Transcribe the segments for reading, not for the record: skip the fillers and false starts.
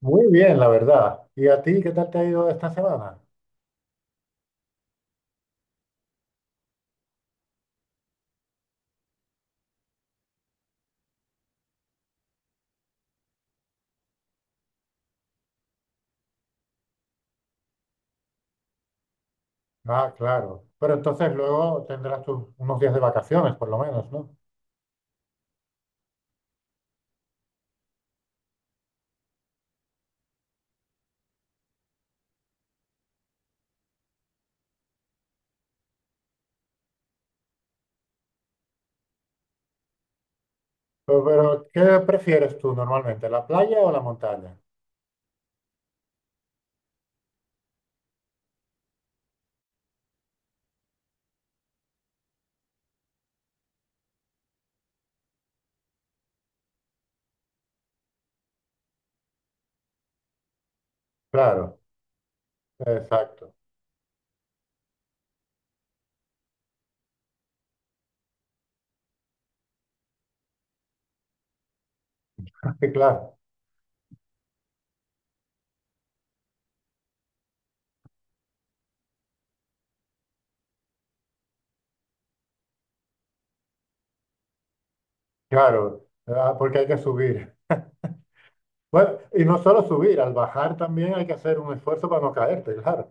Muy bien, la verdad. ¿Y a ti qué tal te ha ido esta semana? Ah, claro. Pero entonces luego tendrás unos días de vacaciones, por lo menos, ¿no? Pero, ¿qué prefieres tú normalmente, la playa o la montaña? Claro, exacto. Sí, claro, claro. Ah, porque hay que subir. Bueno, y no solo subir, al bajar también hay que hacer un esfuerzo para no caerte, claro.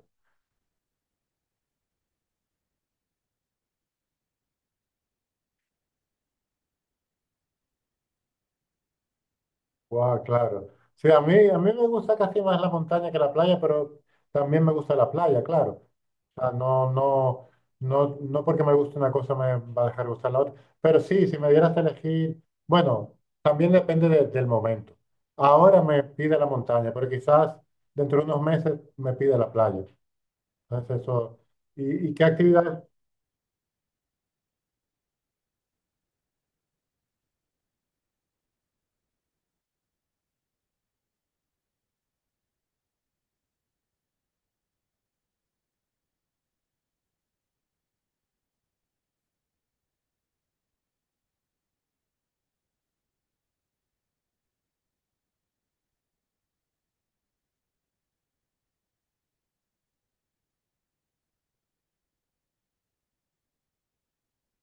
Guau, claro. Sí, a mí me gusta casi más la montaña que la playa, pero también me gusta la playa, claro. Sea, no, no, no, no porque me guste una cosa me va a dejar gustar la otra. Pero sí, si me dieras a elegir, bueno, también depende del momento. Ahora me pide la montaña, pero quizás dentro de unos meses me pide la playa. Entonces eso. ¿Y qué actividades?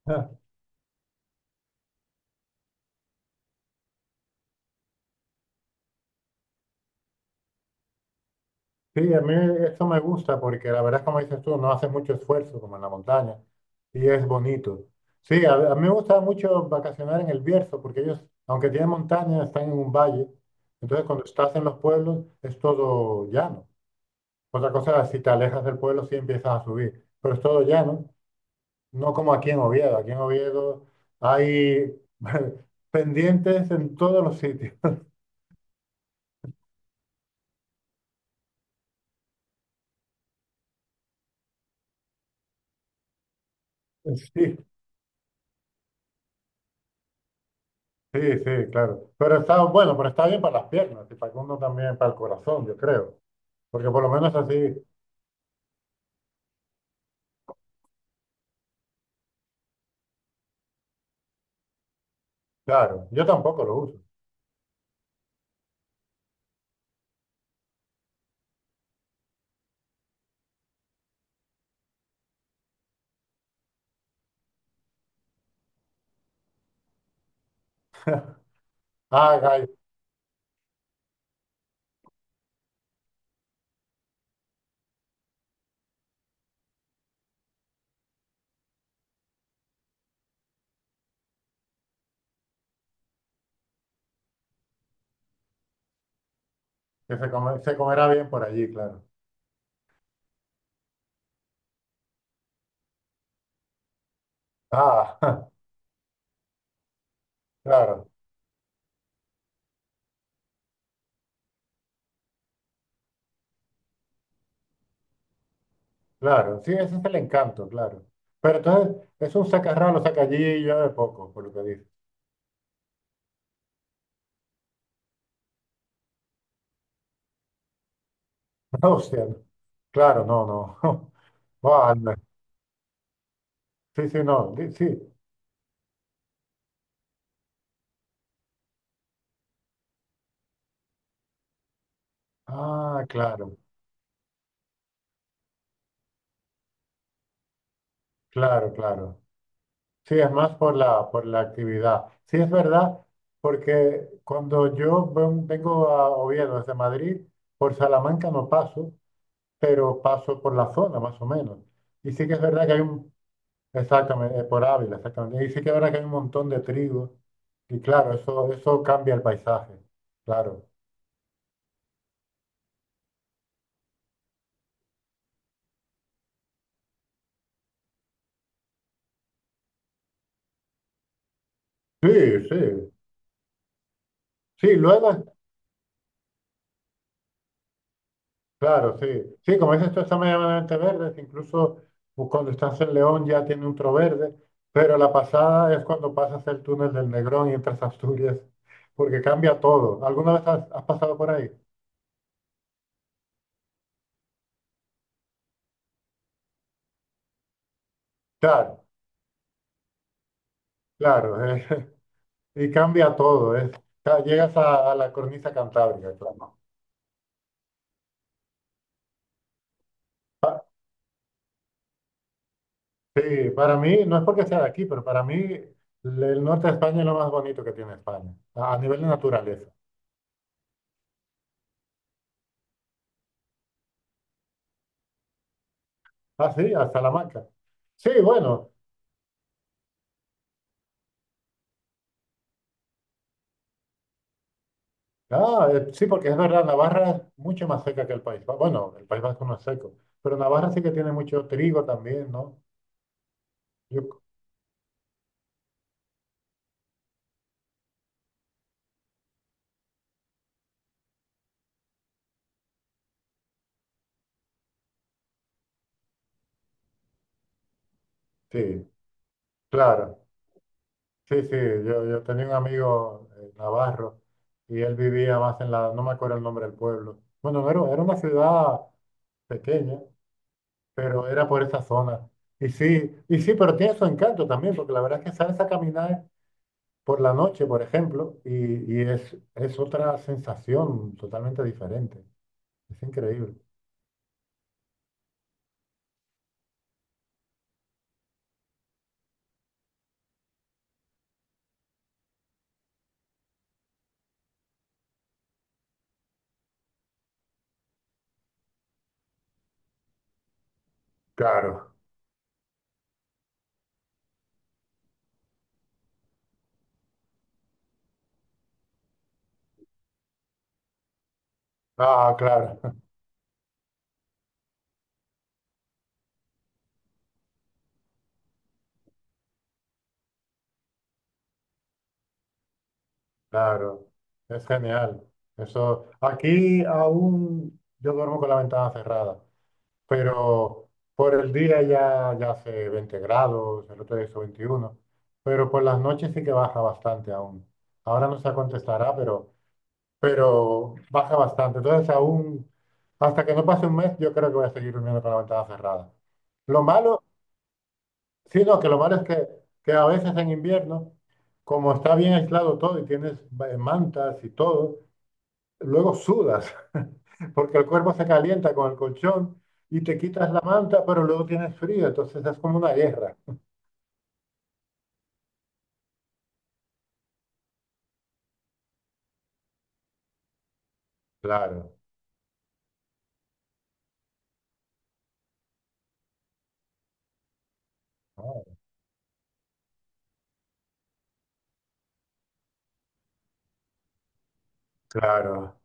Sí, a mí esto me gusta porque la verdad es como dices tú, no hace mucho esfuerzo como en la montaña y es bonito. Sí, a mí me gusta mucho vacacionar en el Bierzo porque ellos, aunque tienen montaña, están en un valle. Entonces cuando estás en los pueblos es todo llano. Otra cosa es si te alejas del pueblo sí empiezas a subir, pero es todo llano, no como aquí en Oviedo. Aquí en Oviedo hay pendientes en todos los sitios. Sí, sí, sí, claro. Pero está bueno, pero está bien para las piernas y para que uno también, para el corazón, yo creo. Porque por lo menos así, claro, yo tampoco lo uso. Ah, gay, que se comerá bien por allí, claro. Ah, claro, claro. Sí, ese es el encanto, claro. Pero entonces, es un sacarralo, saca allí y yo de poco, por lo que dice. O sea, no. Claro, no, no. Buah, anda. Sí, sí, no. Sí. Ah, claro, claro, claro. Sí, es más por la actividad. Sí, es verdad, porque cuando yo vengo a Oviedo desde Madrid, por Salamanca no paso, pero paso por la zona más o menos. Y sí que es verdad que hay exactamente, por Ávila, exactamente. Y sí que es verdad que hay un montón de trigo. Y claro, eso cambia el paisaje, claro. Sí, sí. Sí, luego. Claro, sí. Sí, como dices tú, están medianamente verde. Incluso cuando estás en León ya tiene un tro verde. Pero la pasada es cuando pasas el túnel del Negrón y entras a Asturias, porque cambia todo. ¿Alguna vez has pasado por ahí? Claro, claro. Y cambia todo. Es, llegas a la cornisa cantábrica, claro. Pa- Sí, para mí, no es porque sea de aquí, pero para mí el norte de España es lo más bonito que tiene España, a nivel de naturaleza. Ah, sí, a Salamanca. Sí, bueno. Ah, sí, porque es verdad, Navarra es mucho más seca que el País Vasco. Bueno, el País Vasco no es seco, pero Navarra sí que tiene mucho trigo también, ¿no? Yo, sí, claro. Sí, sí, yo tenía un amigo navarro y él vivía más no me acuerdo el nombre del pueblo. Bueno, no era, era una ciudad pequeña, pero era por esa zona. Y sí, pero tiene su encanto también, porque la verdad es que sales a caminar por la noche, por ejemplo, y es otra sensación totalmente diferente. Es increíble. Claro. Ah, claro. Claro. Es genial. Eso. Aquí aún yo duermo con la ventana cerrada, pero por el día ya hace 20 grados, el otro día hizo 21, pero por las noches sí que baja bastante aún. Ahora no se contestará, pero baja bastante. Entonces aún, hasta que no pase un mes, yo creo que voy a seguir durmiendo con la ventana cerrada. Lo malo Sí, no, que lo malo es que a veces en invierno, como está bien aislado todo y tienes mantas y todo, luego sudas, porque el cuerpo se calienta con el colchón y te quitas la manta, pero luego tienes frío, entonces es como una guerra. Claro, oh, claro,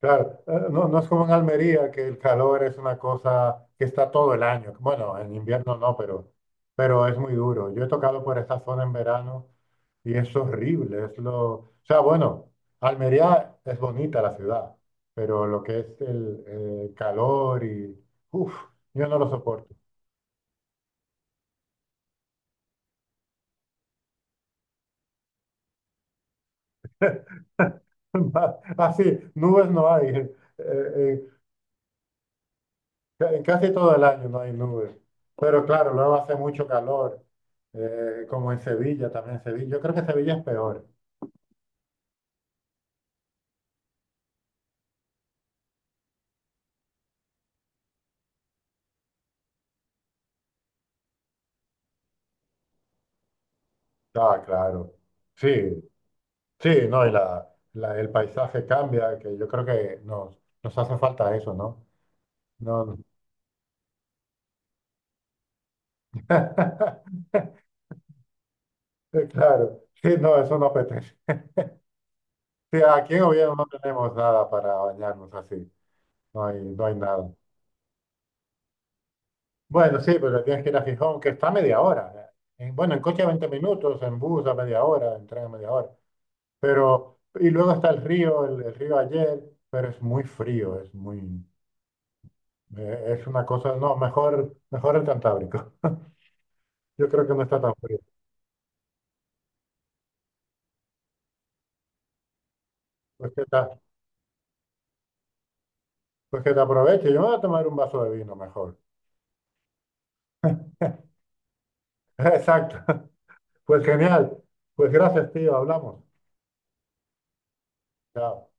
claro. No, no es como en Almería, que el calor es una cosa que está todo el año. Bueno, en invierno no, pero es muy duro. Yo he tocado por esa zona en verano. Y es horrible, es lo. O sea, bueno, Almería es bonita la ciudad, pero lo que es el calor y. Uf, yo no lo soporto. Así, nubes no hay. Eh, en casi todo el año no hay nubes. Pero claro, luego hace mucho calor, como en Sevilla, también en Sevilla. Yo creo que Sevilla es peor. Ah, claro. Sí, sí, no, y el paisaje cambia, que yo creo que nos hace falta eso, ¿no? No. No. Claro, sí, no, eso no apetece. Sí, aquí en Oviedo no tenemos nada para bañarnos así, no hay nada. Bueno, sí, pero tienes que ir a Gijón, que está a media hora. ¿Eh? Bueno, en coche a 20 minutos, en bus a media hora, en tren a media hora. Pero, y luego está el río, el río Ayer, pero es muy frío, es muy, es una cosa, no, mejor el Cantábrico. Yo creo que no está tan frío. Pues que te, pues que te aproveche, yo me voy a tomar un vaso de vino mejor. Exacto, pues genial. Pues gracias, tío, hablamos. Yeah.